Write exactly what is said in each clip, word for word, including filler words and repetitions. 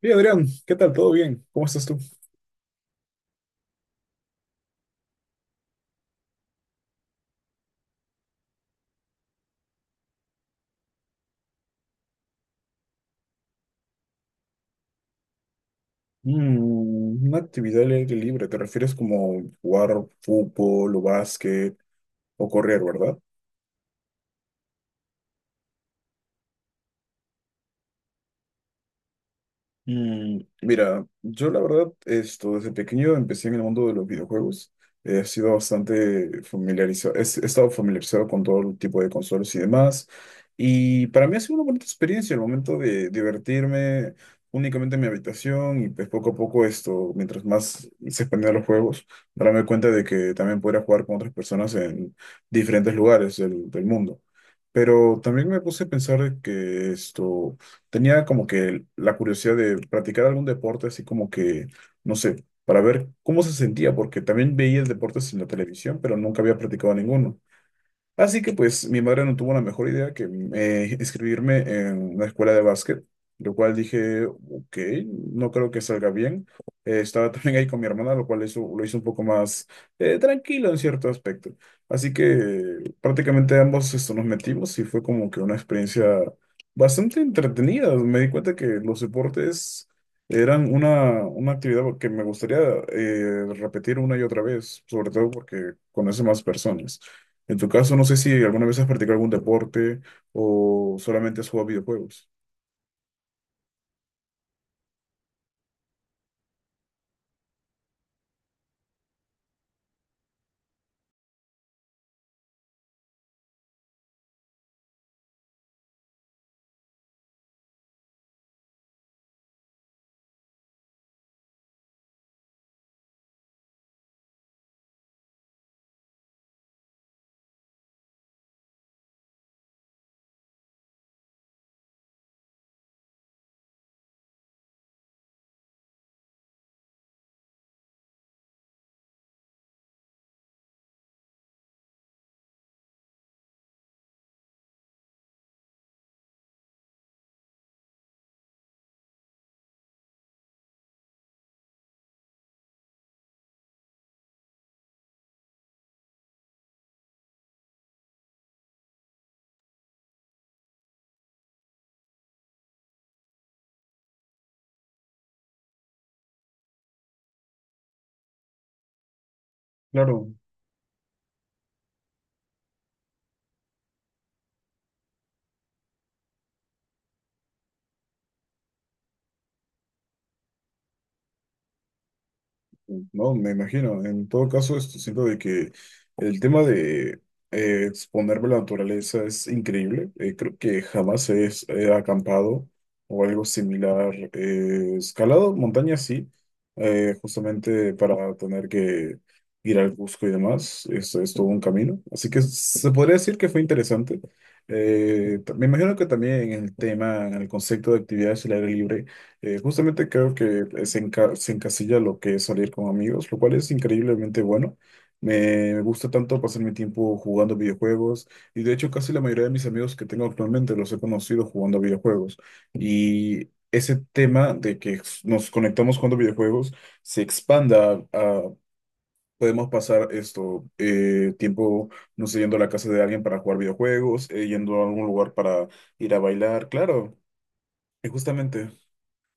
Hey Adrián, ¿qué tal? ¿Todo bien? ¿Cómo estás tú? Mm, una actividad al aire libre, ¿te refieres como jugar fútbol o básquet o correr, verdad? Mm, mira, yo la verdad, esto, desde pequeño empecé en el mundo de los videojuegos. He sido bastante familiarizado, he, he estado familiarizado con todo el tipo de consolas y demás. Y para mí ha sido una bonita experiencia el momento de divertirme únicamente en mi habitación y pues poco a poco esto, mientras más se expandían los juegos, darme cuenta de que también podría jugar con otras personas en diferentes lugares del, del mundo. Pero también me puse a pensar de que esto tenía como que la curiosidad de practicar algún deporte, así como que, no sé, para ver cómo se sentía, porque también veía deportes en la televisión, pero nunca había practicado ninguno. Así que pues mi madre no tuvo la mejor idea que eh, inscribirme en una escuela de básquet, lo cual dije, ok, no creo que salga bien. Eh, estaba también ahí con mi hermana, lo cual eso lo hizo un poco más eh, tranquilo en cierto aspecto. Así que eh, prácticamente ambos esto, nos metimos y fue como que una experiencia bastante entretenida. Me di cuenta que los deportes eran una, una actividad que me gustaría eh, repetir una y otra vez, sobre todo porque conoce más personas. En tu caso, no sé si alguna vez has practicado algún deporte o solamente has jugado videojuegos. Claro. No, me imagino. En todo caso, esto siento de que el tema de eh, exponerme a la naturaleza es increíble. Eh, creo que jamás he, es- he acampado o algo similar. Eh, escalado montañas sí, eh, justamente para tener que ir al Cusco y demás. Esto es todo un camino. Así que se podría decir que fue interesante. Eh, me imagino que también en el tema, en el concepto de actividades al aire libre. Eh, justamente creo que eh, se, enca- se encasilla lo que es salir con amigos, lo cual es increíblemente bueno. Me gusta tanto pasar mi tiempo jugando videojuegos y de hecho casi la mayoría de mis amigos que tengo actualmente los he conocido jugando videojuegos. Y ese tema de que nos conectamos jugando videojuegos se expanda a... Podemos pasar esto, eh, tiempo, no sé, yendo a la casa de alguien para jugar videojuegos, eh, yendo a algún lugar para ir a bailar, claro. Y justamente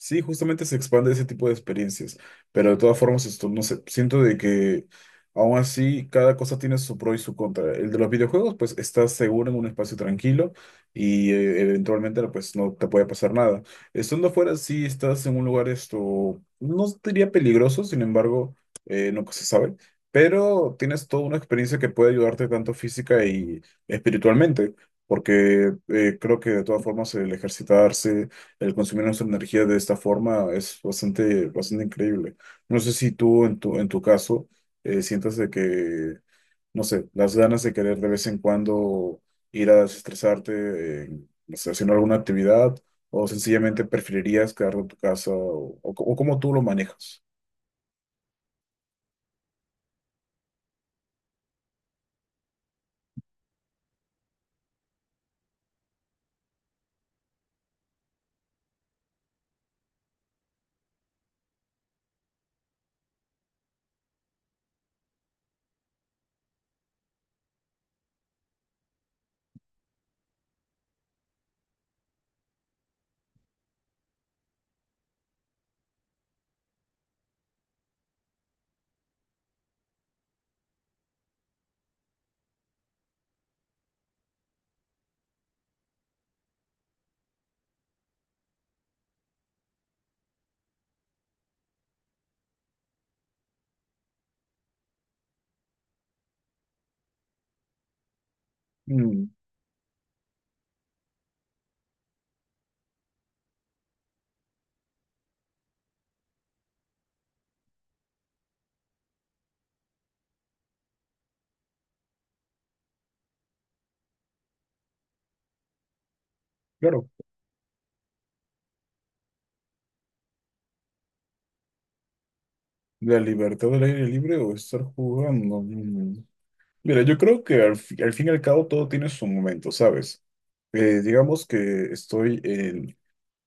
sí, justamente se expande ese tipo de experiencias, pero de todas formas, esto, no sé, siento de que aún así cada cosa tiene su pro y su contra. El de los videojuegos, pues estás seguro en un espacio tranquilo y eh, eventualmente pues no te puede pasar nada. Estando afuera, sí estás en un lugar esto, no diría peligroso, sin embargo, eh, nunca se sabe, pero tienes toda una experiencia que puede ayudarte tanto física y espiritualmente, porque eh, creo que de todas formas el ejercitarse, el consumir nuestra energía de esta forma es bastante, bastante increíble. No sé si tú en tu, en tu caso eh, sientas de que, no sé, las ganas de querer de vez en cuando ir a desestresarte, eh, no sé, haciendo alguna actividad, o sencillamente preferirías quedarte en tu casa, o, o, o cómo tú lo manejas. Mm, claro, la libertad del aire libre o estar jugando. Mm. Mira, yo creo que al, fi- al fin y al cabo todo tiene su momento, ¿sabes? Eh, digamos que estoy en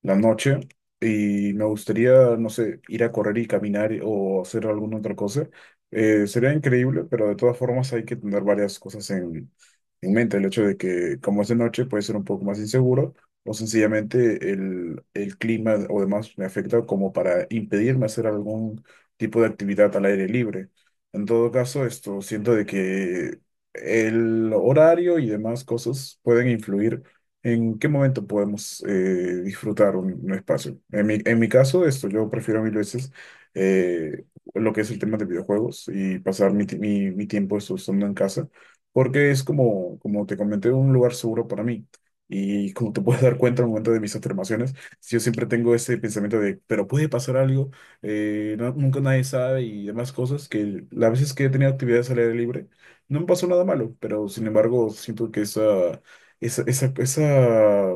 la noche y me gustaría, no sé, ir a correr y caminar o hacer alguna otra cosa. Eh, sería increíble, pero de todas formas hay que tener varias cosas en, en mente. El hecho de que como es de noche puede ser un poco más inseguro o sencillamente el, el clima o demás me afecta como para impedirme hacer algún tipo de actividad al aire libre. En todo caso, esto siento de que el horario y demás cosas pueden influir. ¿En qué momento podemos eh, disfrutar un, un espacio? En mi, en mi caso, esto, yo prefiero mil veces eh, lo que es el tema de videojuegos y pasar mi, ti- mi, mi tiempo esto, estando en casa, porque es como, como te comenté, un lugar seguro para mí. Y como te puedes dar cuenta al momento de mis afirmaciones, yo siempre tengo ese pensamiento de, pero puede pasar algo, eh, no- nunca nadie sabe y demás cosas, que las veces que he tenido actividades al aire libre, no me pasó nada malo, pero sin embargo siento que esa esa, esa, esa,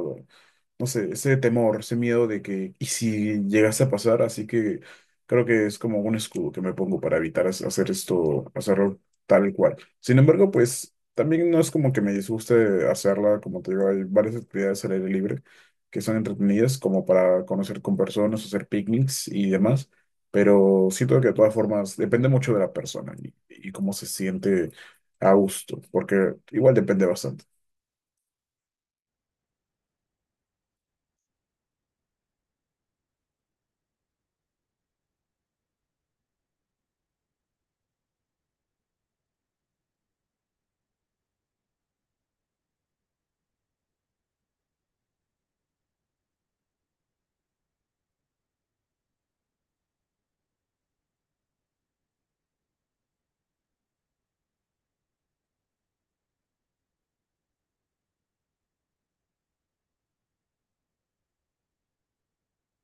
no sé, ese temor, ese miedo de que, ¿y si llegase a pasar? Así que creo que es como un escudo que me pongo para evitar hac- hacer esto, hacerlo tal cual. Sin embargo, pues también no es como que me disguste hacerla, como te digo, hay varias actividades al aire libre que son entretenidas, como para conocer con personas, hacer picnics y demás. Pero siento que de todas formas depende mucho de la persona y, y cómo se siente a gusto, porque igual depende bastante.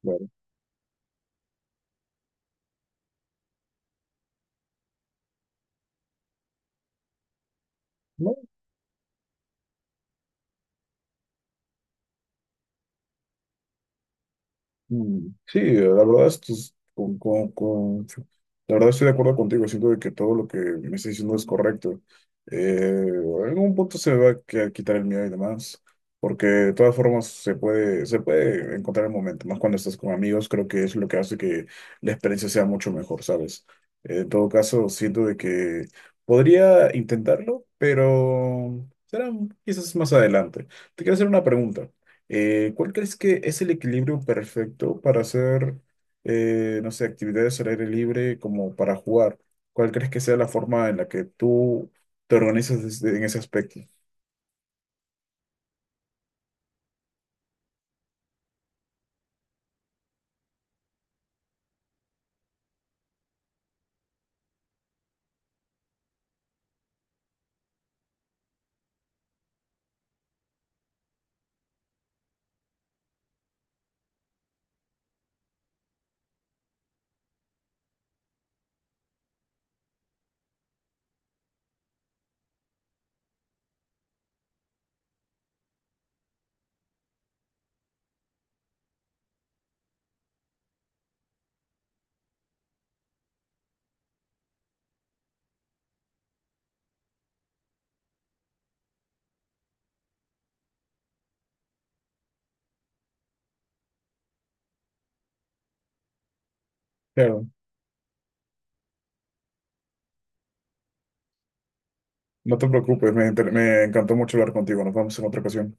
Claro. Mm, sí, la verdad, esto es con, con- con- sí, la verdad estoy de acuerdo contigo, siento de que todo lo que me estás diciendo es correcto. Eh, en algún punto se me va a qui- quitar el miedo y demás, porque de todas formas se puede, se puede encontrar el momento, más cuando estás con amigos, creo que es lo que hace que la experiencia sea mucho mejor, ¿sabes? En todo caso, siento de que podría intentarlo, pero será quizás más adelante. Te quiero hacer una pregunta. Eh, ¿cuál crees que es el equilibrio perfecto para hacer, eh, no sé, actividades al aire libre como para jugar? ¿Cuál crees que sea la forma en la que tú te organizas desde- en ese aspecto? Claro, no te preocupes, me, inter- me encantó mucho hablar contigo. Nos vemos en otra ocasión.